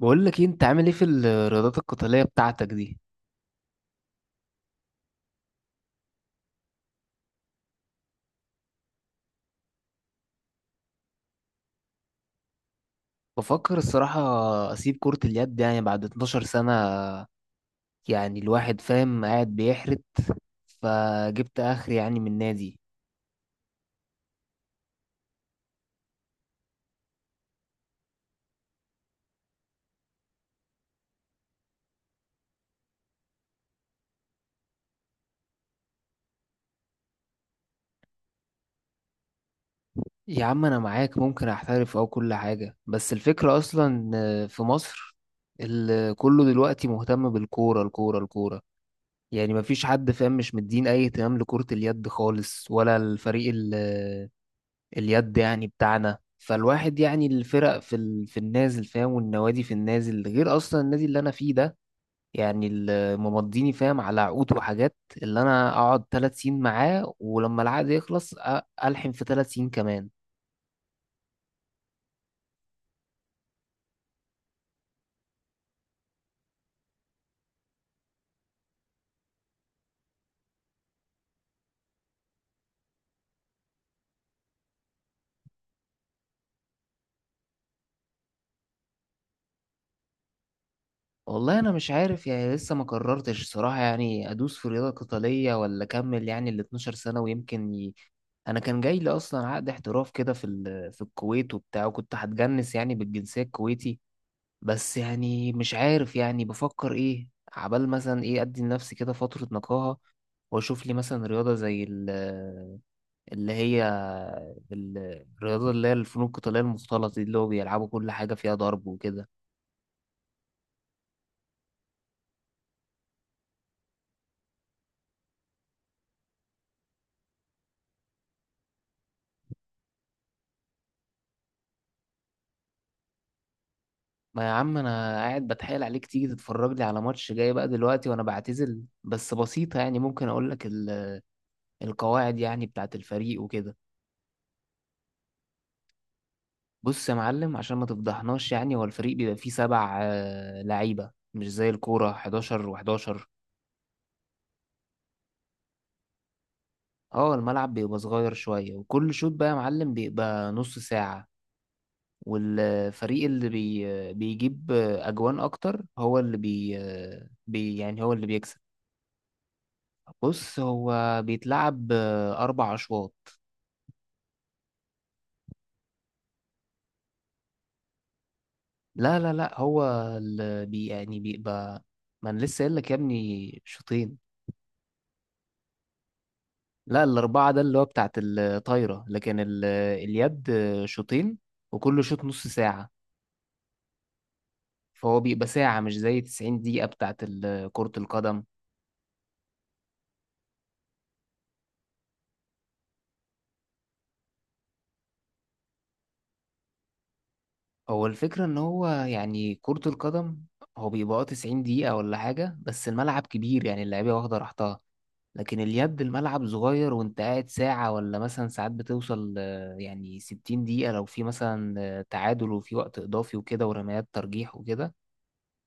بقول لك إيه، انت عامل ايه في الرياضات القتالية بتاعتك دي. بفكر الصراحة. اسيب كرة اليد يعني بعد 12 سنة. يعني الواحد فاهم قاعد بيحرت، فجبت اخر يعني من نادي. يا عم انا معاك، ممكن احترف او كل حاجة، بس الفكرة اصلا في مصر كله دلوقتي مهتم بالكورة الكورة الكورة. يعني مفيش حد فاهم، مش مدين اي اهتمام لكرة اليد خالص ولا الفريق اليد يعني بتاعنا. فالواحد يعني الفرق في النازل فاهم، والنوادي في النازل غير اصلا النادي اللي انا فيه ده. يعني اللي ممضيني فاهم على عقود وحاجات، اللي انا اقعد 3 سنين معاه، ولما العقد يخلص الحم في 3 سنين كمان. والله انا مش عارف، يعني لسه ما قررتش صراحة يعني ادوس في رياضة قتالية ولا اكمل يعني ال 12 سنة، ويمكن. انا كان جاي لي اصلا عقد احتراف كده في الكويت وبتاع، وكنت هتجنس يعني بالجنسية الكويتي. بس يعني مش عارف، يعني بفكر ايه عبال مثلا ايه ادي لنفسي كده فترة نقاهة، واشوف لي مثلا رياضة زي ال- اللي هي ال- الرياضة اللي هي الفنون القتالية المختلطة دي، اللي هو بيلعبوا كل حاجة فيها ضرب وكده. ما يا عم انا قاعد بتحايل عليك تيجي تتفرج لي على ماتش جاي بقى دلوقتي وانا بعتزل. بس بسيطة يعني، ممكن اقول لك القواعد يعني بتاعت الفريق وكده. بص يا معلم، عشان ما تفضحناش، يعني هو الفريق بيبقى فيه 7 آه، لعيبة، مش زي الكورة 11 و11. اه الملعب بيبقى صغير شوية، وكل شوط بقى يا معلم بيبقى نص ساعة. والفريق اللي بيجيب أجوان أكتر هو اللي بي, بي يعني هو اللي بيكسب. بص هو بيتلعب 4 أشواط. لا، هو اللي بي يعني بيبقى، ما أنا لسه قايل لك يا ابني شوطين. لا الأربعة ده اللي هو بتاعت الطايرة، لكن اليد شوطين، وكل شوط نص ساعة. فهو بيبقى ساعة مش زي 90 دقيقة بتاعت كرة القدم. هو الفكرة إن هو يعني كرة القدم هو بيبقى 90 دقيقة ولا حاجة، بس الملعب كبير يعني اللعيبة واخدة راحتها. لكن اليد الملعب صغير وأنت قاعد ساعة ولا مثلا ساعات، بتوصل آه، يعني 60 دقيقة لو في مثلا آه، تعادل، وفي وقت إضافي وكده ورميات ترجيح وكده.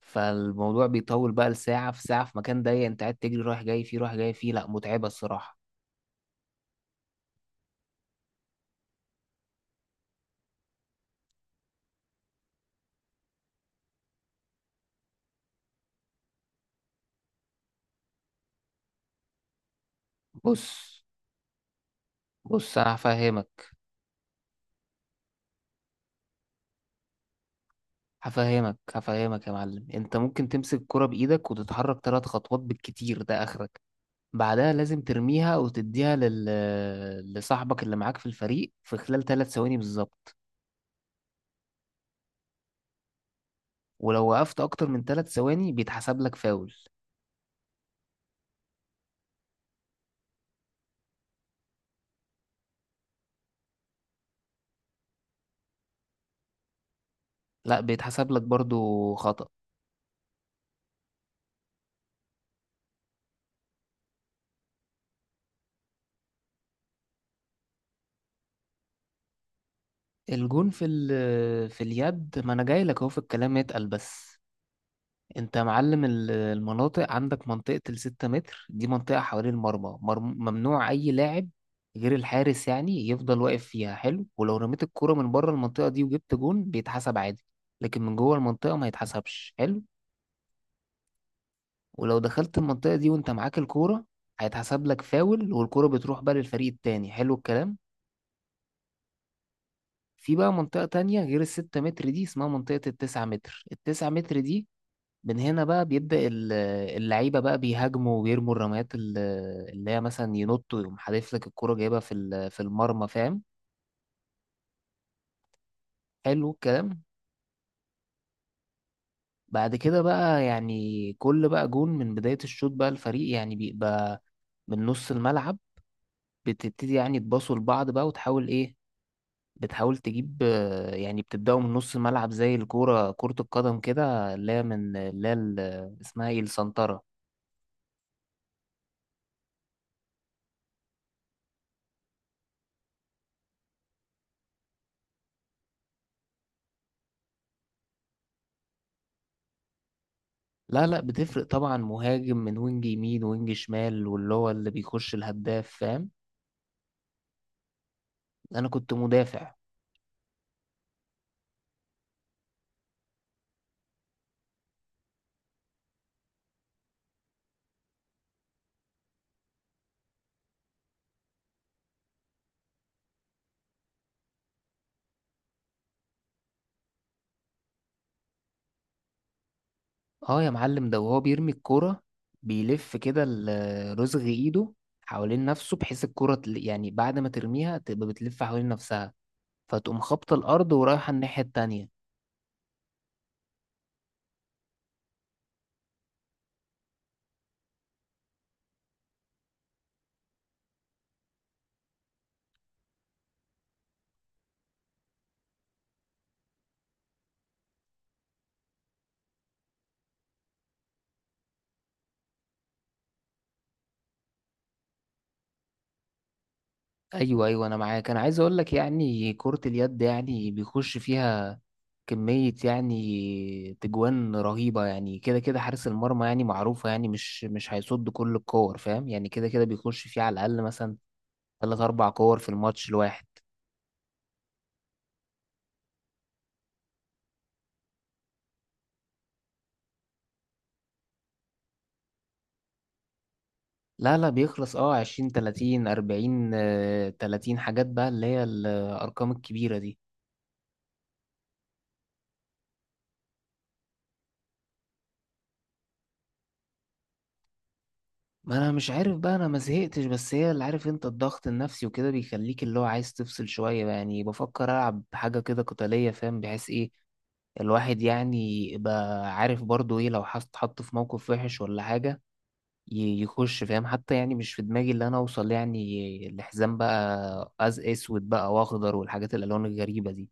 فالموضوع بيطول بقى لساعة في ساعة في مكان ضيق، أنت قاعد تجري رايح جاي فيه رايح جاي فيه. لأ متعبة الصراحة. بص بص أنا هفهمك، هفهمك يا معلم. انت ممكن تمسك الكرة بايدك وتتحرك 3 خطوات بالكتير، ده اخرك. بعدها لازم ترميها لصاحبك اللي معاك في الفريق في خلال 3 ثواني بالظبط. ولو وقفت اكتر من 3 ثواني بيتحسب لك فاول. لا بيتحسب لك برضو خطأ. الجون في اليد، ما انا جاي لك اهو في الكلام، اتقل بس. انت يا معلم المناطق عندك منطقة ال 6 متر دي، منطقة حوالين المرمى، ممنوع أي لاعب غير الحارس يعني يفضل واقف فيها. حلو. ولو رميت الكرة من بره المنطقة دي وجبت جون بيتحسب عادي، لكن من جوه المنطقة ما يتحسبش. حلو. ولو دخلت المنطقة دي وانت معاك الكورة هيتحسب لك فاول، والكرة بتروح بقى للفريق التاني. حلو الكلام. في بقى منطقة تانية غير ال 6 متر دي، اسمها منطقة ال 9 متر. ال 9 متر دي من هنا بقى اللعيبة بقى بيهاجموا ويرموا الرميات اللي هي مثلا ينطوا يقوم حادف لك الكرة جايبها في المرمى فاهم. حلو الكلام. بعد كده بقى يعني كل بقى جون من بداية الشوط بقى الفريق يعني بيبقى من نص الملعب، بتبتدي يعني تباصوا لبعض بقى، وتحاول ايه، بتحاول تجيب آه، يعني بتبدأوا من نص الملعب زي الكورة كرة القدم كده اللي هي من اللي هي ال- اسمها ايه، السنترة. لا لا بتفرق طبعا، مهاجم من وينج يمين وينج شمال، واللي هو اللي بيخش الهداف فاهم. انا كنت مدافع. اه يا معلم، ده وهو بيرمي الكرة بيلف كده رزغ ايده حوالين نفسه، بحيث الكرة يعني بعد ما ترميها تبقى بتلف حوالين نفسها، فتقوم خابطة الأرض ورايحة الناحية التانية. ايوه، انا معاك. انا عايز اقول لك يعني كرة اليد يعني بيخش فيها كمية يعني تجوان رهيبة. يعني كده كده حارس المرمى يعني معروفة، يعني مش هيصد كل الكور فاهم، يعني كده كده بيخش فيه على الأقل مثلا 3 4 كور في الماتش الواحد. لا لا بيخلص اه 20 30 40 آه، 30 حاجات بقى اللي هي الأرقام الكبيرة دي. ما انا مش عارف بقى، انا ما زهقتش، بس هي اللي عارف انت الضغط النفسي وكده بيخليك اللي هو عايز تفصل شوية بقى، يعني بفكر العب حاجة كده قتالية فاهم، بحيث ايه الواحد يعني يبقى عارف برضو ايه لو حط في موقف وحش ولا حاجة يخش فاهم، حتى يعني مش في دماغي اللي انا اوصل يعني لحزام بقى أز اسود بقى واخضر والحاجات الالوان الغريبة دي.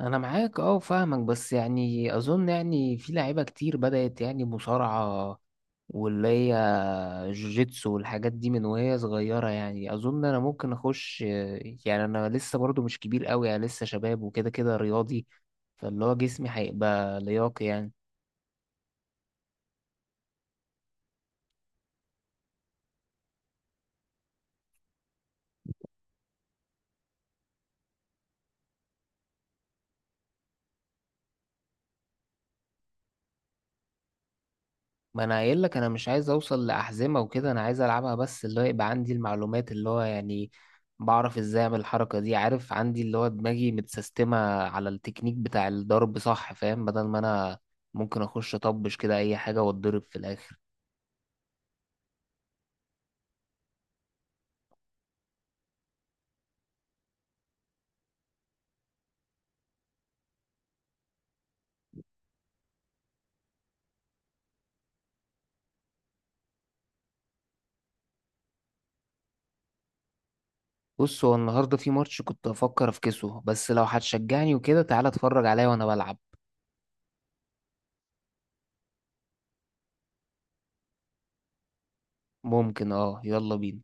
انا معاك اه فاهمك، بس يعني اظن يعني في لعيبة كتير بدأت يعني مصارعة واللي هي جوجيتسو والحاجات دي من وهي صغيرة. يعني أظن أنا ممكن أخش، يعني أنا لسه برضو مش كبير قوي، أنا لسه شباب وكده كده رياضي، فاللي هو جسمي هيبقى لياقي يعني. ما أنا قايل لك أنا مش عايز أوصل لأحزمة وكده، أنا عايز ألعبها بس اللي هو يبقى عندي المعلومات، اللي هو يعني بعرف إزاي أعمل الحركة دي، عارف عندي اللي هو دماغي متسيستمة على التكنيك بتاع الضرب صح فاهم، بدل ما أنا ممكن أخش أطبش كده أي حاجة وأتضرب في الآخر. بص هو النهارده في ماتش كنت افكر افكسه، بس لو هتشجعني وكده تعالى اتفرج عليا وانا بلعب. ممكن اه. يلا بينا.